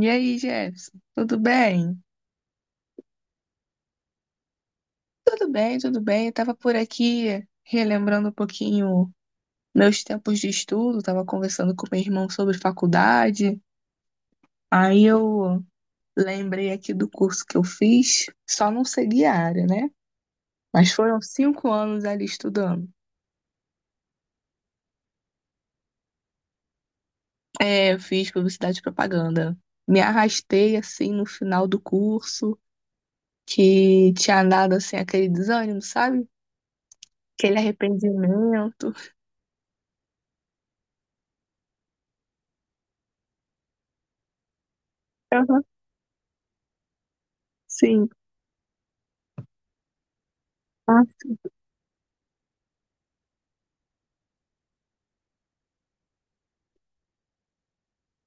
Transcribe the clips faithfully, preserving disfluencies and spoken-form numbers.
E aí, Jefferson, tudo bem? Tudo bem, tudo bem. Eu tava por aqui relembrando um pouquinho meus tempos de estudo, tava conversando com meu irmão sobre faculdade. Aí eu lembrei aqui do curso que eu fiz, só não segui a área, né? Mas foram cinco anos ali estudando. É, eu fiz publicidade e propaganda. Me arrastei assim no final do curso, que tinha dado assim aquele desânimo, sabe? Aquele arrependimento. Aham, sim.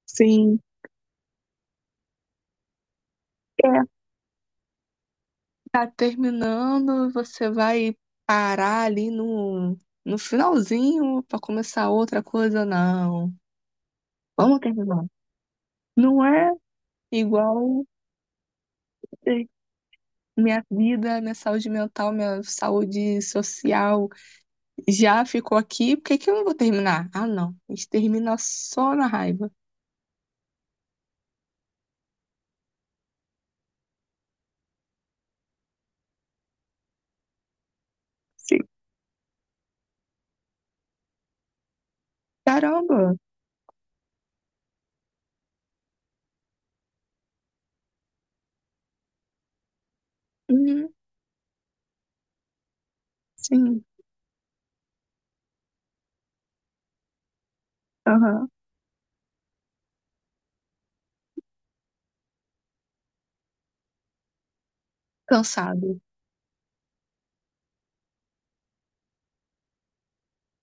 Sim, é. Tá terminando, você vai parar ali no, no finalzinho pra começar outra coisa? Não. Vamos terminar. Não é igual eh, minha vida, minha saúde mental, minha saúde social já ficou aqui, por que que eu não vou terminar? Ah, não. A gente termina só na raiva. Sim. Caramba. Uhum, sim. Aham. Cansado.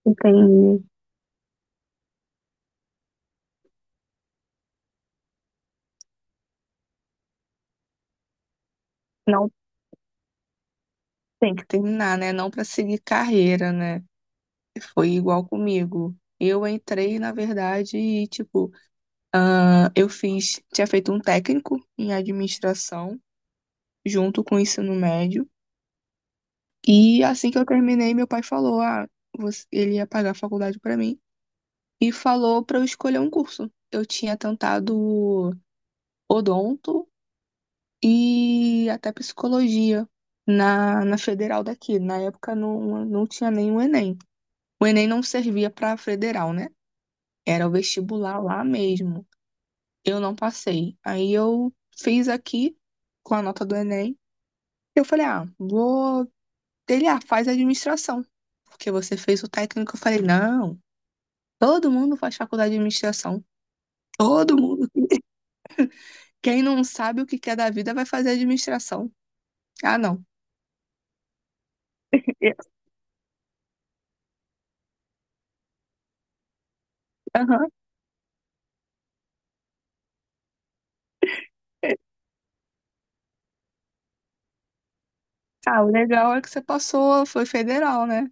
Entendi. Não, tem que terminar, né? Não pra seguir carreira, né? Foi igual comigo. Eu entrei, na verdade, e, tipo, ah, eu fiz, tinha feito um técnico em administração junto com o ensino médio. E assim que eu terminei, meu pai falou, ah, você- ele ia pagar a faculdade pra mim e falou pra eu escolher um curso. Eu tinha tentado odonto e até psicologia na, na federal daqui. Na época não, não tinha nem o Enem. O Enem não servia pra federal, né? Era o vestibular lá mesmo. Eu não passei. Aí eu fiz aqui com a nota do Enem. Eu falei, ah, vou. Ele, ah, faz administração. Porque você fez o técnico. Eu falei, não, todo mundo faz faculdade de administração. Todo mundo. Quem não sabe o que quer da vida vai fazer administração. Ah, não. Eu, aham. Ah, o legal é que você passou, foi federal, né?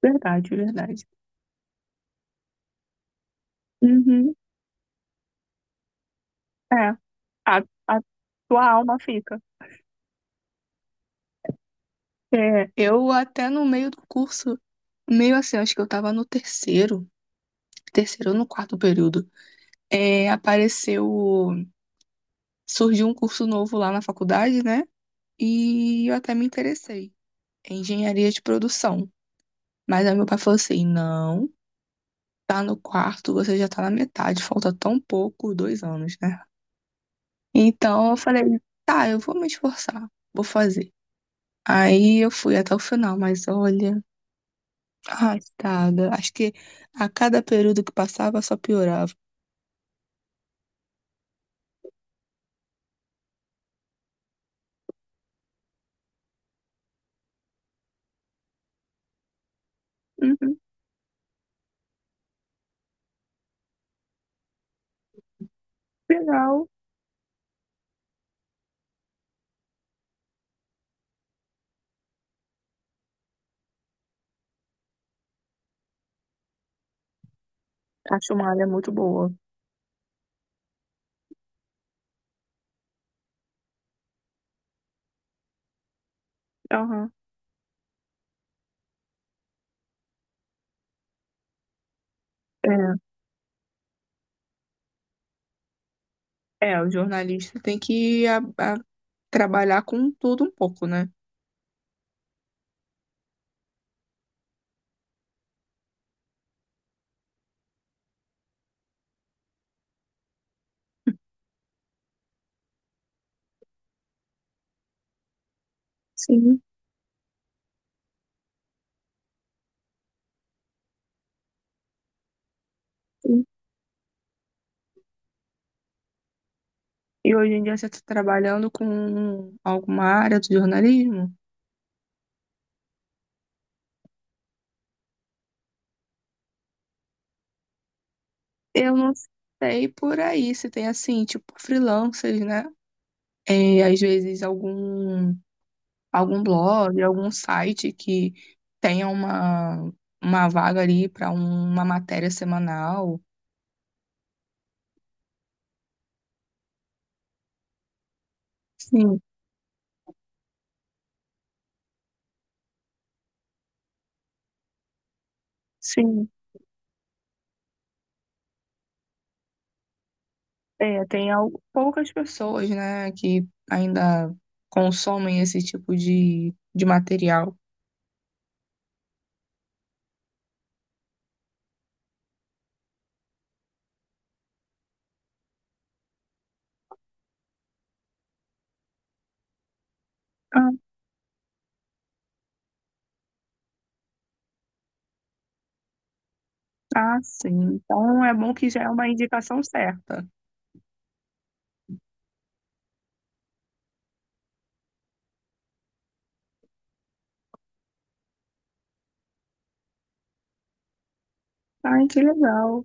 Verdade, verdade. Uhum, é. A, a tua alma fica. É, eu até no meio do curso meio assim, acho que eu tava no terceiro, terceiro, ou no quarto período, é, apareceu, surgiu um curso novo lá na faculdade, né? E eu até me interessei em engenharia de produção. Mas aí meu pai falou assim: não, tá no quarto, você já tá na metade, falta tão pouco, dois anos, né? Então eu falei: tá, eu vou me esforçar, vou fazer. Aí eu fui até o final, mas olha, arrastada. Acho que a cada período que passava só piorava. Uhum, final. Acho uma área muito boa. Aham. É, é, o jornalista tem que a- a- trabalhar com tudo um pouco, né? Sim, sim. E hoje em dia você está trabalhando com alguma área do jornalismo? Eu não sei por aí se tem assim, tipo freelancers, né? É, às vezes algum algum blog, algum site que tenha uma, uma vaga ali para uma matéria semanal. Sim, sim. É, tem al- poucas pessoas, né, que ainda consomem esse tipo de, de material. Ah, ah, sim. Então é bom que já é uma indicação certa. Ai, que legal.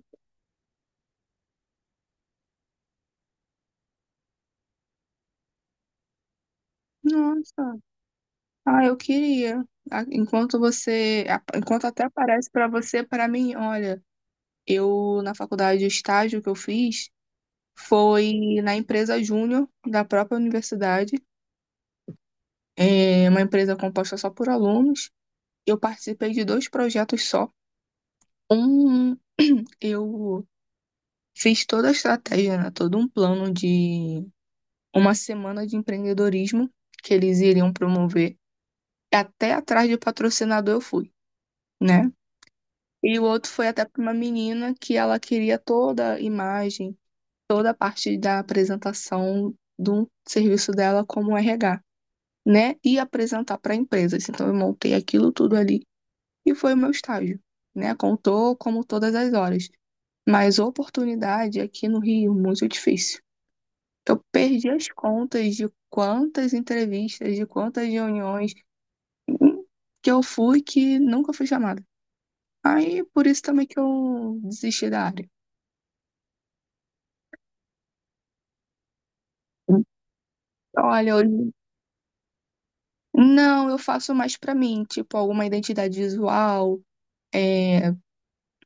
Nossa. Ah, eu queria. Ah, Enquanto você, ah, enquanto até aparece para você, para mim, olha, eu na faculdade, o estágio que eu fiz foi na empresa júnior da própria universidade. É uma empresa composta só por alunos. Eu participei de dois projetos só. Um, eu fiz toda a estratégia, né, todo um plano de uma semana de empreendedorismo que eles iriam promover. Até atrás de patrocinador eu fui, né? E o outro foi até para uma menina que ela queria toda a imagem, toda a parte da apresentação do serviço dela como R H, né? E apresentar para empresas. Então eu montei aquilo tudo ali e foi o meu estágio, né? Contou como todas as horas. Mas oportunidade aqui no Rio, muito difícil. Eu perdi as contas de quantas entrevistas, de quantas reuniões que eu fui que nunca fui chamada. Aí, por isso também que eu desisti da área. Olha, hoje, não, eu faço mais pra mim, tipo, alguma identidade visual, é,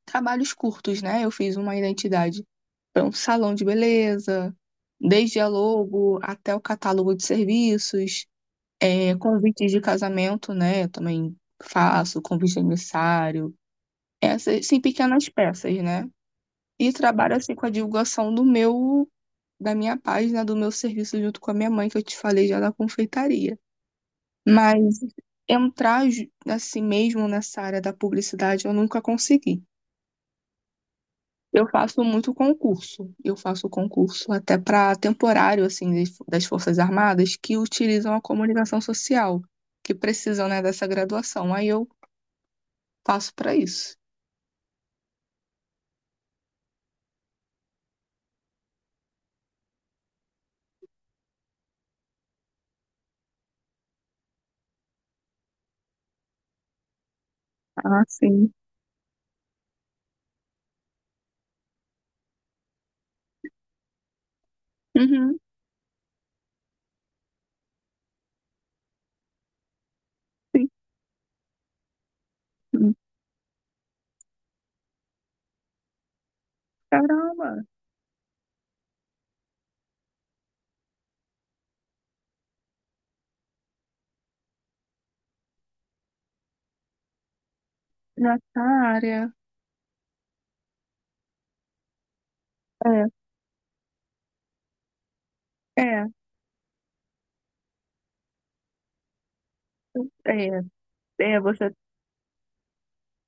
trabalhos curtos, né? Eu fiz uma identidade para um salão de beleza, desde a logo até o catálogo de serviços. É, convites de casamento, né? Eu também faço, convite de aniversário, essas, sim, pequenas peças, né? E trabalho assim com a divulgação do meu, da minha página, do meu serviço junto com a minha mãe, que eu te falei já da confeitaria. Mas entrar ju- assim mesmo nessa área da publicidade eu nunca consegui. Eu faço muito concurso. Eu faço concurso até para temporário assim das das Forças Armadas que utilizam a comunicação social, que precisam, né, dessa graduação. Aí eu passo para isso. Ah, sim. Uhum. Sim. Hum. Caramba, já tá a área. É, é, é, é, você.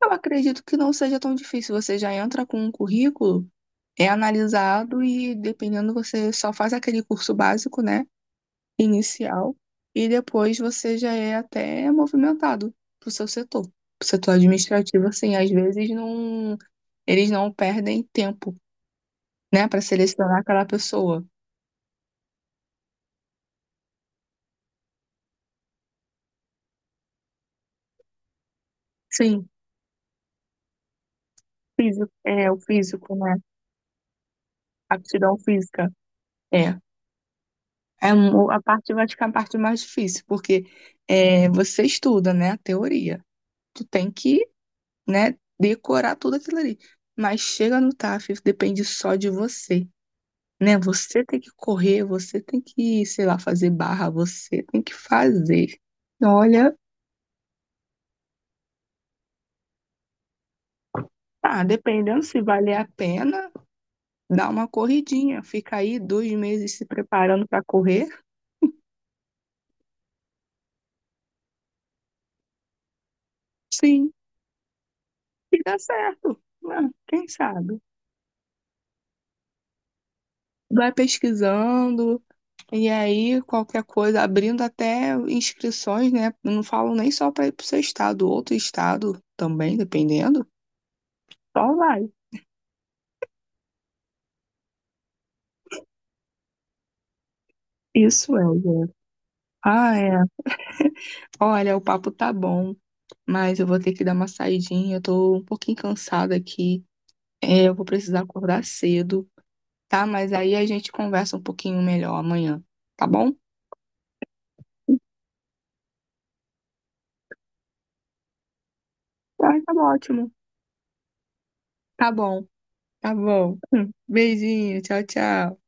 Eu acredito que não seja tão difícil. Você já entra com um currículo, é analisado e, dependendo, você só faz aquele curso básico, né? Inicial. E depois você já é até movimentado pro seu setor. Pro setor administrativo, assim, às vezes não, eles não perdem tempo, né, para selecionar aquela pessoa. Sim. Físico, é, o físico, né? Aptidão física. É. É, um- a parte, vai ficar a parte mais difícil, porque é, você estuda, né, a teoria. Tu tem que, né, decorar tudo aquilo ali. Mas chega no T A F, depende só de você, né? Você tem que correr, você tem que, sei lá, fazer barra, você tem que fazer. Olha, ah, dependendo se valer a pena, dá uma corridinha. Fica aí dois meses se preparando para correr. Sim. E dá certo, né? Quem sabe? Vai pesquisando, e aí qualquer coisa, abrindo até inscrições, né? Eu não falo nem só para ir para o seu estado, outro estado também, dependendo. Só vai. Isso é, gente. Ah, é. Olha, o papo tá bom, mas eu vou ter que dar uma saidinha. Eu tô um pouquinho cansada aqui. É, eu vou precisar acordar cedo, tá? Mas aí a gente conversa um pouquinho melhor amanhã, tá bom? Ah, tá ótimo. Tá bom. Tá bom. Beijinho, tchau, tchau.